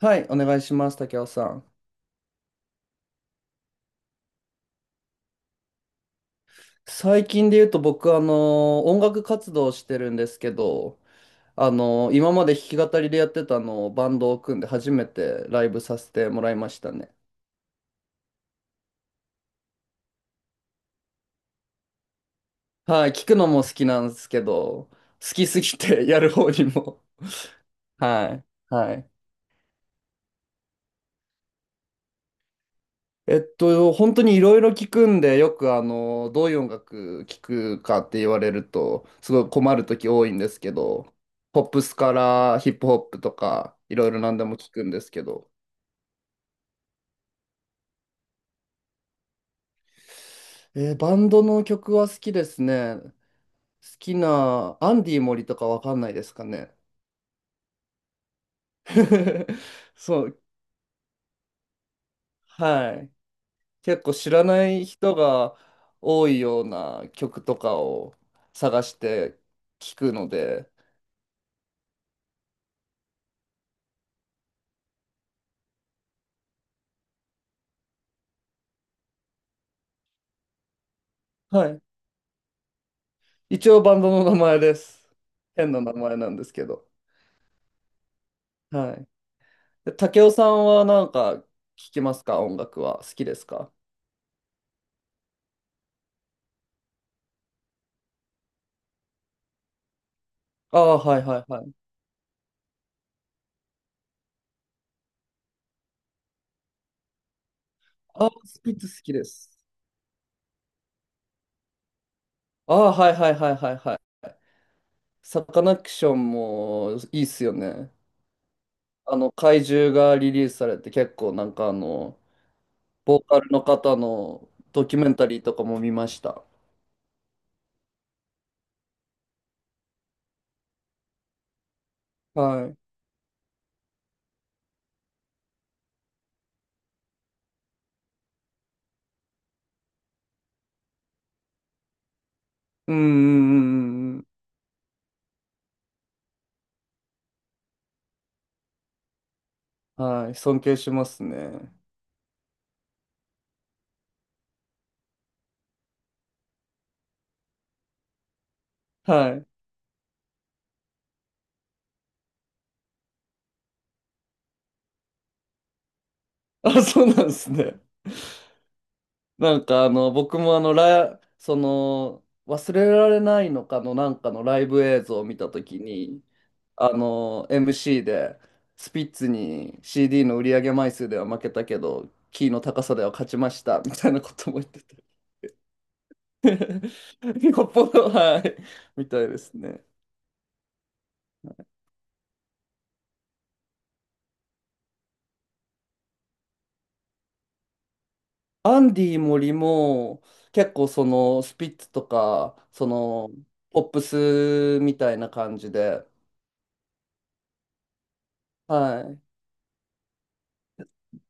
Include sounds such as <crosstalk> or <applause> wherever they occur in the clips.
はい、お願いします、竹雄さん。最近で言うと僕、音楽活動をしてるんですけど、今まで弾き語りでやってたのをバンドを組んで初めてライブさせてもらいましたね。はい、聞くのも好きなんですけど、好きすぎて <laughs> やる方にも。はい、はい。本当にいろいろ聞くんで、よくどういう音楽聞くかって言われると、すごい困る時多いんですけど、ポップスからヒップホップとか、いろいろ何でも聞くんですけど、バンドの曲は好きですね。好きな、アンディ森とかわかんないですかね。<laughs> そう、はい。結構知らない人が多いような曲とかを探して聞くので、はい、一応バンドの名前です。変な名前なんですけど。はい。で、竹雄さんはなんか聞きますか音楽は。好きですか？ああ、はいはいはい。ああ、好きです好きです。ああ、はいはいはいはいはい。サカナクションもいいっすよね。怪獣がリリースされて結構ボーカルの方のドキュメンタリーとかも見ました。はい。うんうんうんうんうん。はい。尊敬しますね。はい。あ、そうなんですね。僕もあの、ラ、その、忘れられないのかのなんかのライブ映像を見たときに、MC で、スピッツに CD の売り上げ枚数では負けたけど、キーの高さでは勝ちました、みたいなことも言ってて。<laughs> よっぽど、はい、みたいですね。アンディ森も、結構その、スピッツとか、ポップスみたいな感じで、はい。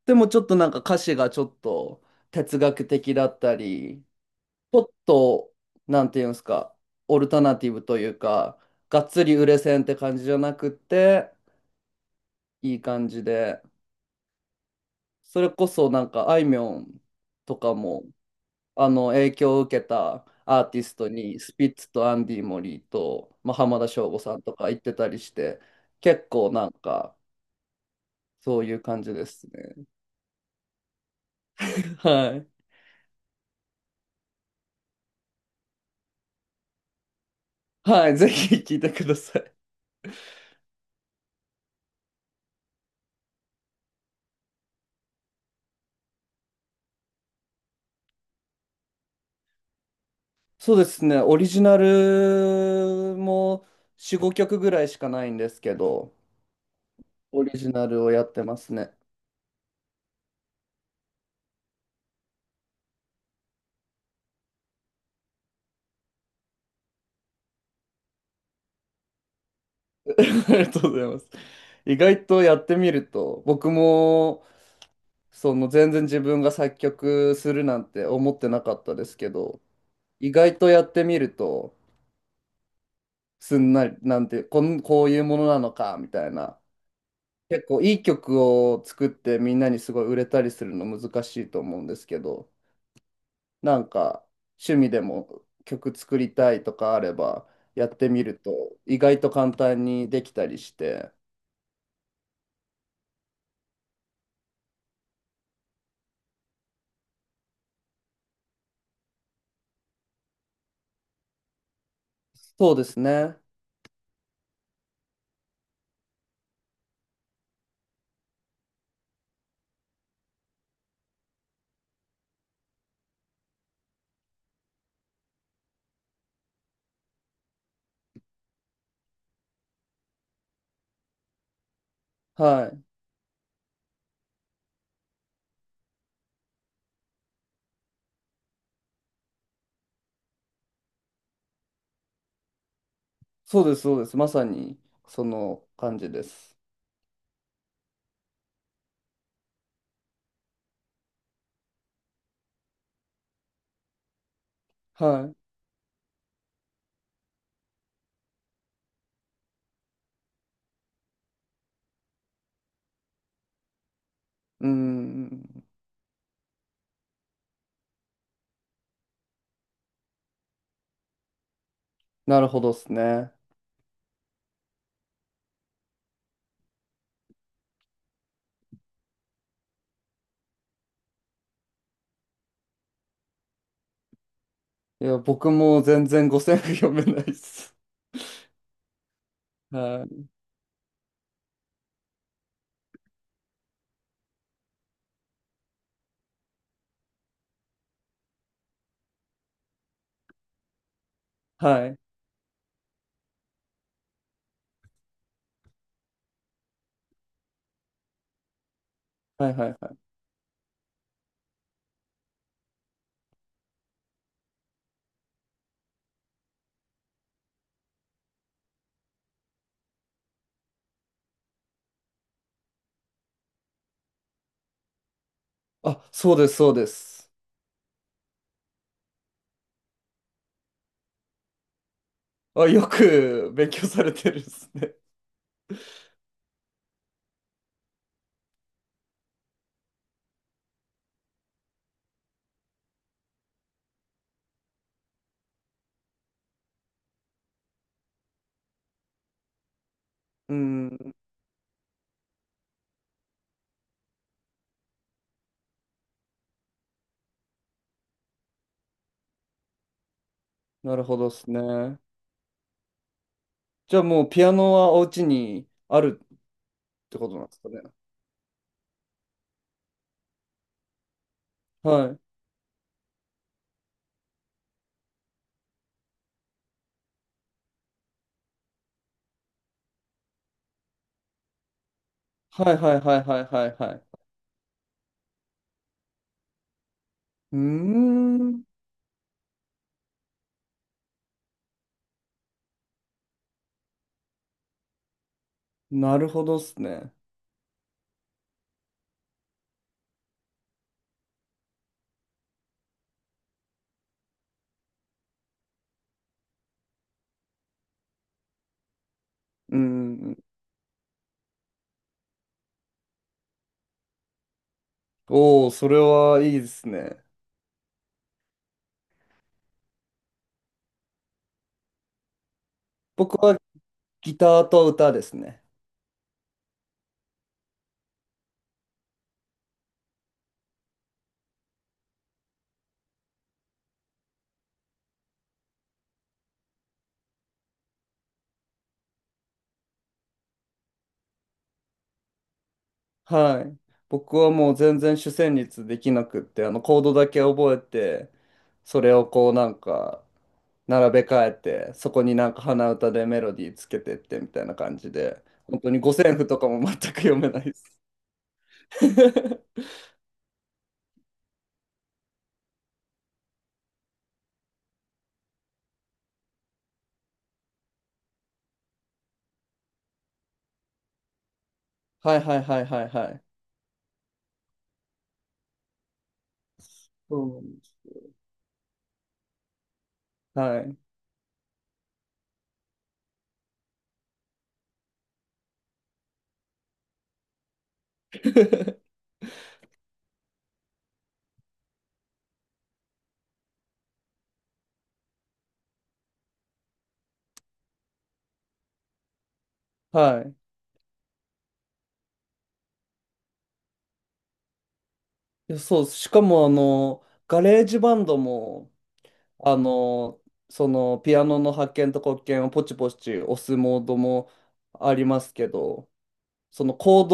でもちょっとなんか歌詞がちょっと哲学的だったり、ちょっと、なんていうんですか、オルタナティブというか、がっつり売れ線って感じじゃなくって、いい感じで、それこそなんかあいみょんとかも、影響を受けたアーティストに、スピッツとアンディ・モリーと、まあ、浜田省吾さんとか行ってたりして、結構なんか、そういう感じですね。<laughs> はい。はい、ぜひ聞いてください。そうですね、オリジナルも4、5曲ぐらいしかないんですけど、オリジナルをやってますね。<laughs> ありがとうございます。意外とやってみると、僕も全然自分が作曲するなんて思ってなかったですけど、意外とやってみると、すんなり、なんて、こん、こういうものなのか、みたいな。結構いい曲を作ってみんなにすごい売れたりするの難しいと思うんですけど、なんか趣味でも曲作りたいとかあればやってみると意外と簡単にできたりして。そうですね。はい。そうです、そうです。まさにその感じです。はい。うん。なるほどですね。いや、僕も全然五線譜読めないです。はい。はい。はいはいはい。あ、そうです、そうです。あ、よく勉強されてるですね。うん。なるほどですね。じゃあもうピアノはお家にあるってことなんですかね。はい。はいはいはいはいはいはい。うーん。なるほどっすね。うん。おお、それはいいですね。僕はギターと歌ですね。はい。僕はもう全然主旋律できなくって、コードだけ覚えて、それをこうなんか並べ替えて、そこになんか鼻歌でメロディーつけてってみたいな感じで、本当に五線譜とかも全く読めないです。<laughs> はいはいはいはいはい。うん。はい。<laughs> はい。いやそうしかも、ガレージバンドも、あの、ピアノの発見と黒鍵をポチポチ押すモードもありますけど、そのコー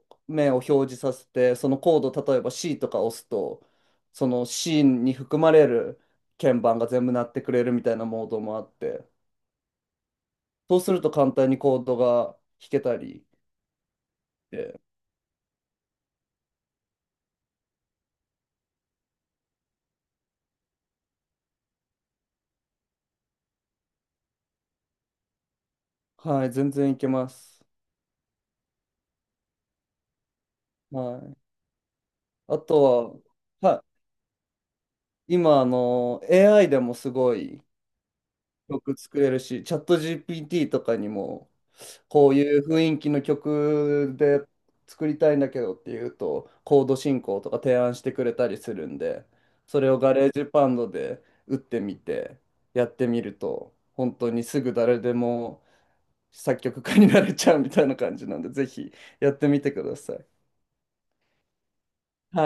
ド名を表示させて、そのコード、例えば C とか押すと、その C に含まれる鍵盤が全部鳴ってくれるみたいなモードもあって、そうすると簡単にコードが弾けたりして。はい、全然いけます。はい。あとは、は今、AI でもすごい曲作れるし、チャット GPT とかにも、こういう雰囲気の曲で作りたいんだけどっていうと、コード進行とか提案してくれたりするんで、それをガレージバンドで打ってみて、やってみると、本当にすぐ誰でも作曲家になれちゃうみたいな感じなんで、ぜひやってみてください。はい